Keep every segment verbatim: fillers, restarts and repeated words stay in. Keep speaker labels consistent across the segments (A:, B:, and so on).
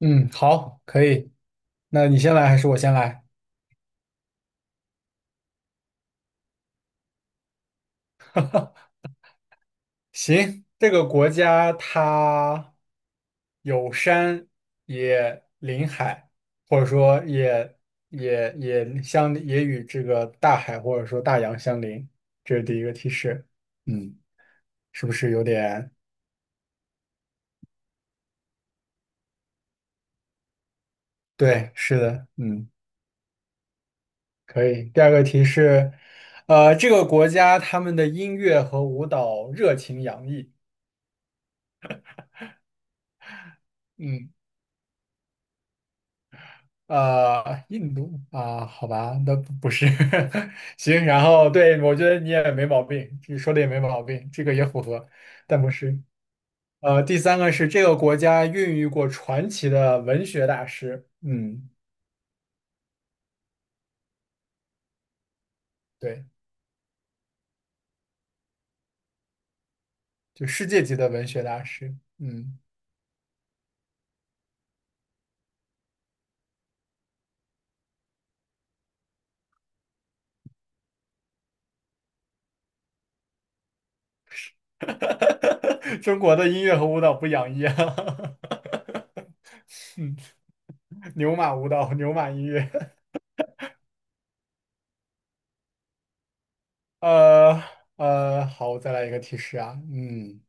A: 嗯，好，可以。那你先来还是我先来？行，这个国家它有山也临海，或者说也也也相也与这个大海或者说大洋相邻，这是第一个提示。嗯，是不是有点？对，是的，嗯，可以。第二个提示，呃，这个国家他们的音乐和舞蹈热情洋溢。嗯。呃，印度啊，好吧，那不不是，行，然后对，我觉得你也没毛病，你说的也没毛病，这个也符合，但不是。呃，第三个是这个国家孕育过传奇的文学大师，嗯，对，就世界级的文学大师，嗯，中国的音乐和舞蹈不养一啊，牛马舞蹈，牛马音乐，呃呃，好，我再来一个提示啊，嗯。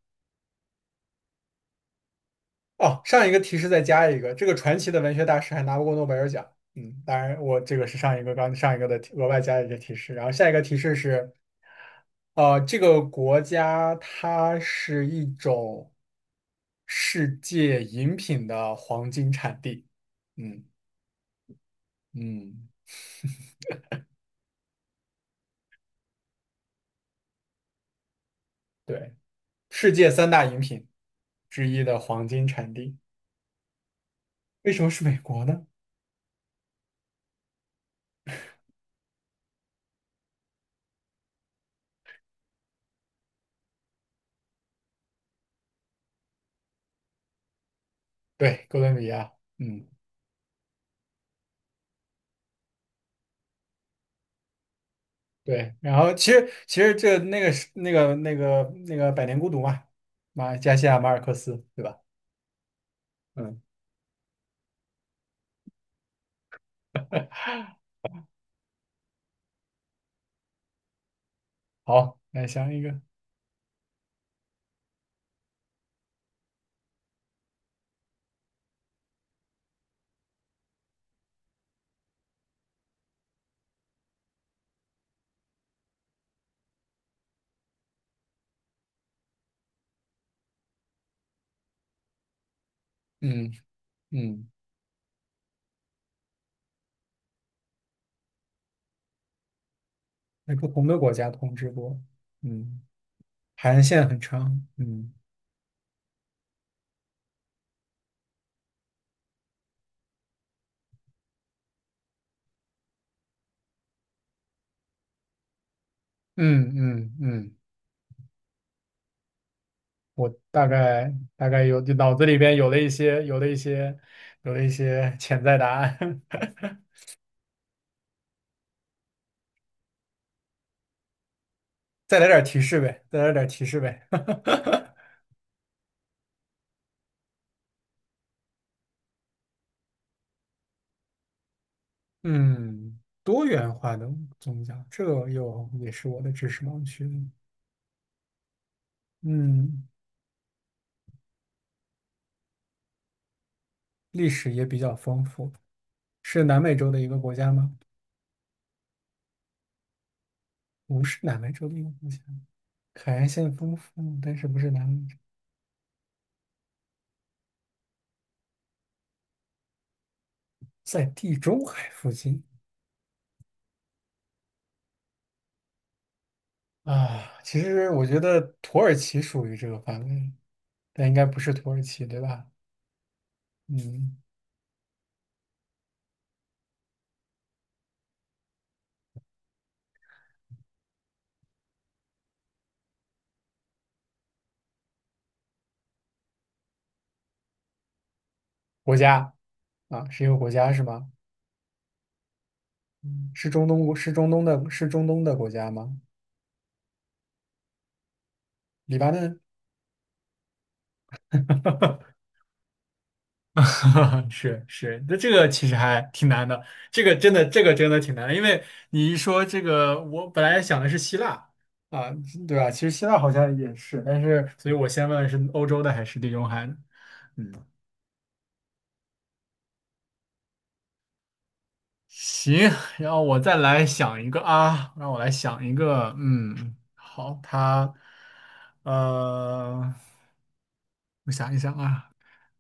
A: 哦，上一个提示再加一个，这个传奇的文学大师还拿不过诺贝尔奖。嗯，当然，我这个是上一个刚上一个的提额外加的一个提示，然后下一个提示是，呃，这个国家它是一种世界饮品的黄金产地。嗯嗯，对，世界三大饮品之一的黄金产地，为什么是美国呢？对，哥伦比亚。嗯。对，然后其实其实这那个是那个那个那个《百年孤独》嘛，马加西亚马尔克斯，对吧？嗯，好，来想一个，嗯嗯，在不同的国家统治过，嗯，海岸线很长，嗯嗯嗯嗯，我大概大概有脑子里边有了一些有了一些有了一些潜在答案，再来点提示呗，再来点提示呗，嗯，多元化的宗教，这个又也是我的知识盲区了嗯，历史也比较丰富，是南美洲的一个国家吗？不是南美洲的一个国家，海岸线丰富，但是不是南美洲，在地中海附近啊。其实我觉得土耳其属于这个范围，但应该不是土耳其，对吧？嗯，国家啊，是一个国家是吗？是中东国是中东的，是中东的国家吗？黎巴嫩。是是，那这个其实还挺难的，这个真的这个真的挺难的，因为你一说这个，我本来想的是希腊啊，对吧？其实希腊好像也是，但是所以我先问的是欧洲的还是地中海的？嗯，行，然后我再来想一个啊，让我来想一个，嗯，好，它，呃，我想一想啊，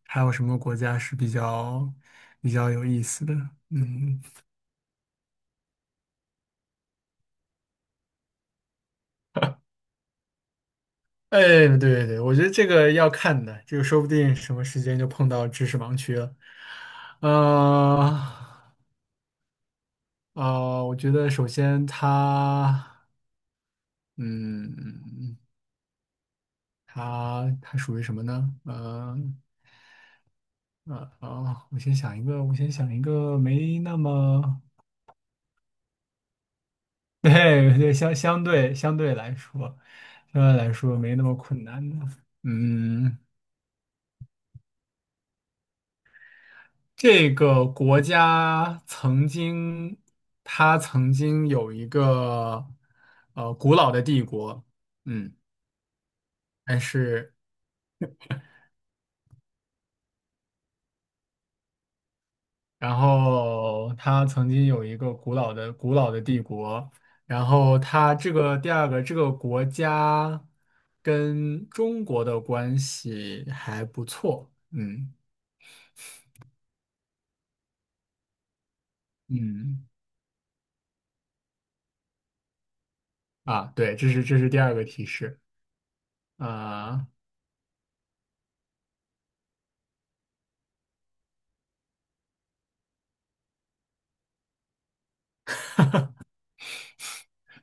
A: 还有什么国家是比较比较有意思的？嗯。哎，对对对，我觉得这个要看的，这个说不定什么时间就碰到知识盲区了。啊呃，我觉得首先它，嗯，它它属于什么呢？嗯呃呃，哦我先想一个，我先想一个没那么，对对，相相对相对来说，相对来说没那么困难的。嗯，这个国家曾经，它曾经有一个呃古老的帝国，嗯，但是然后它曾经有一个古老的古老的帝国，然后它这个第二个这个国家跟中国的关系还不错，嗯嗯啊，对，这是这是第二个提示啊。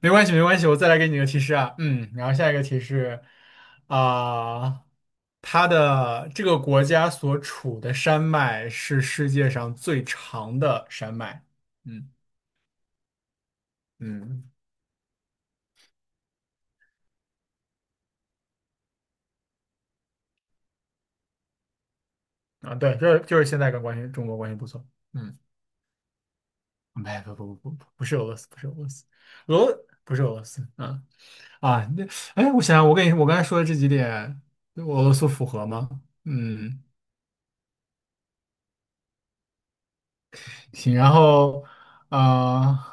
A: 没关系，没关系，我再来给你个提示啊。嗯，然后下一个提示啊，它的这个国家所处的山脉是世界上最长的山脉。嗯嗯啊，对，就是就是现在跟关系中国关系不错。嗯，没不不不不不是俄罗斯，不是俄罗斯，俄不是俄罗斯啊啊那哎，我想想，我跟你我刚才说的这几点，俄罗斯符合吗？嗯，行，然后啊。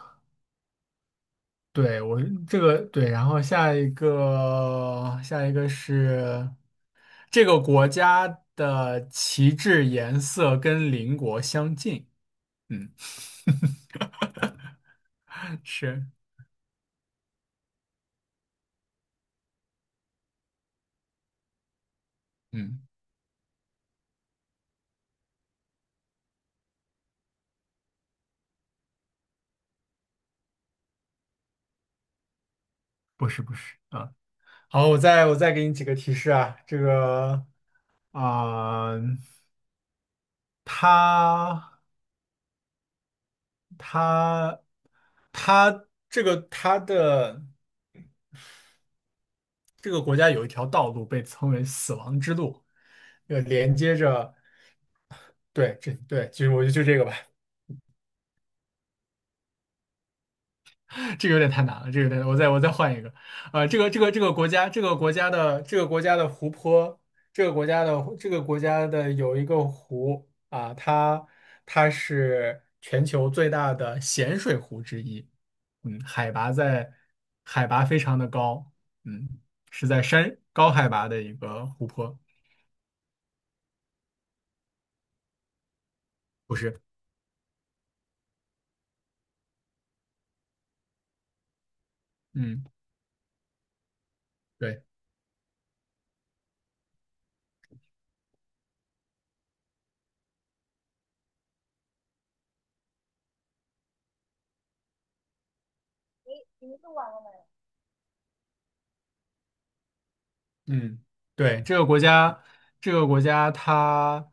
A: 对，我这个对，然后下一个下一个是这个国家的旗帜颜色跟邻国相近。嗯，是，嗯，不是不是啊。好，我再我再给你几个提示啊。这个啊，它它它这个它的这个国家有一条道路被称为死亡之路，呃，连接着对这对，就是我就就这个吧。这个有点太难了，这个有点，我再我再换一个，呃，这个这个这个国家，这个国家的这个国家的湖泊，这个国家的这个国家的有一个湖啊，它它是全球最大的咸水湖之一，嗯，海拔在海拔非常的高，嗯，是在山高海拔的一个湖泊，不是，嗯。对。嗯，对，这个国家，这个国家它，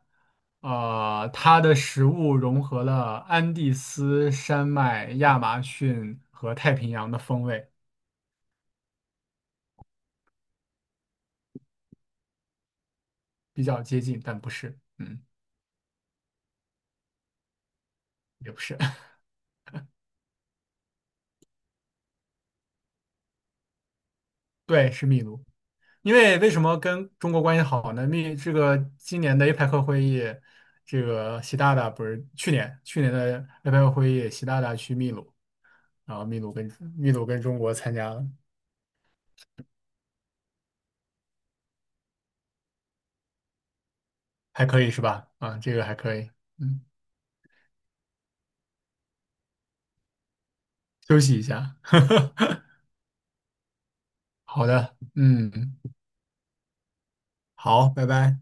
A: 呃，它的食物融合了安第斯山脉、亚马逊和太平洋的风味，比较接近，但不是，嗯，也不是，对，是秘鲁。因为为什么跟中国关系好呢？秘这个今年的 A P E C 会议，这个习大大不是去年去年的 A P E C 会议，习大大去秘鲁，然后秘鲁跟秘鲁跟中国参加了，还可以是吧？啊，这个还可以。嗯。休息一下。好的，嗯，好，拜拜。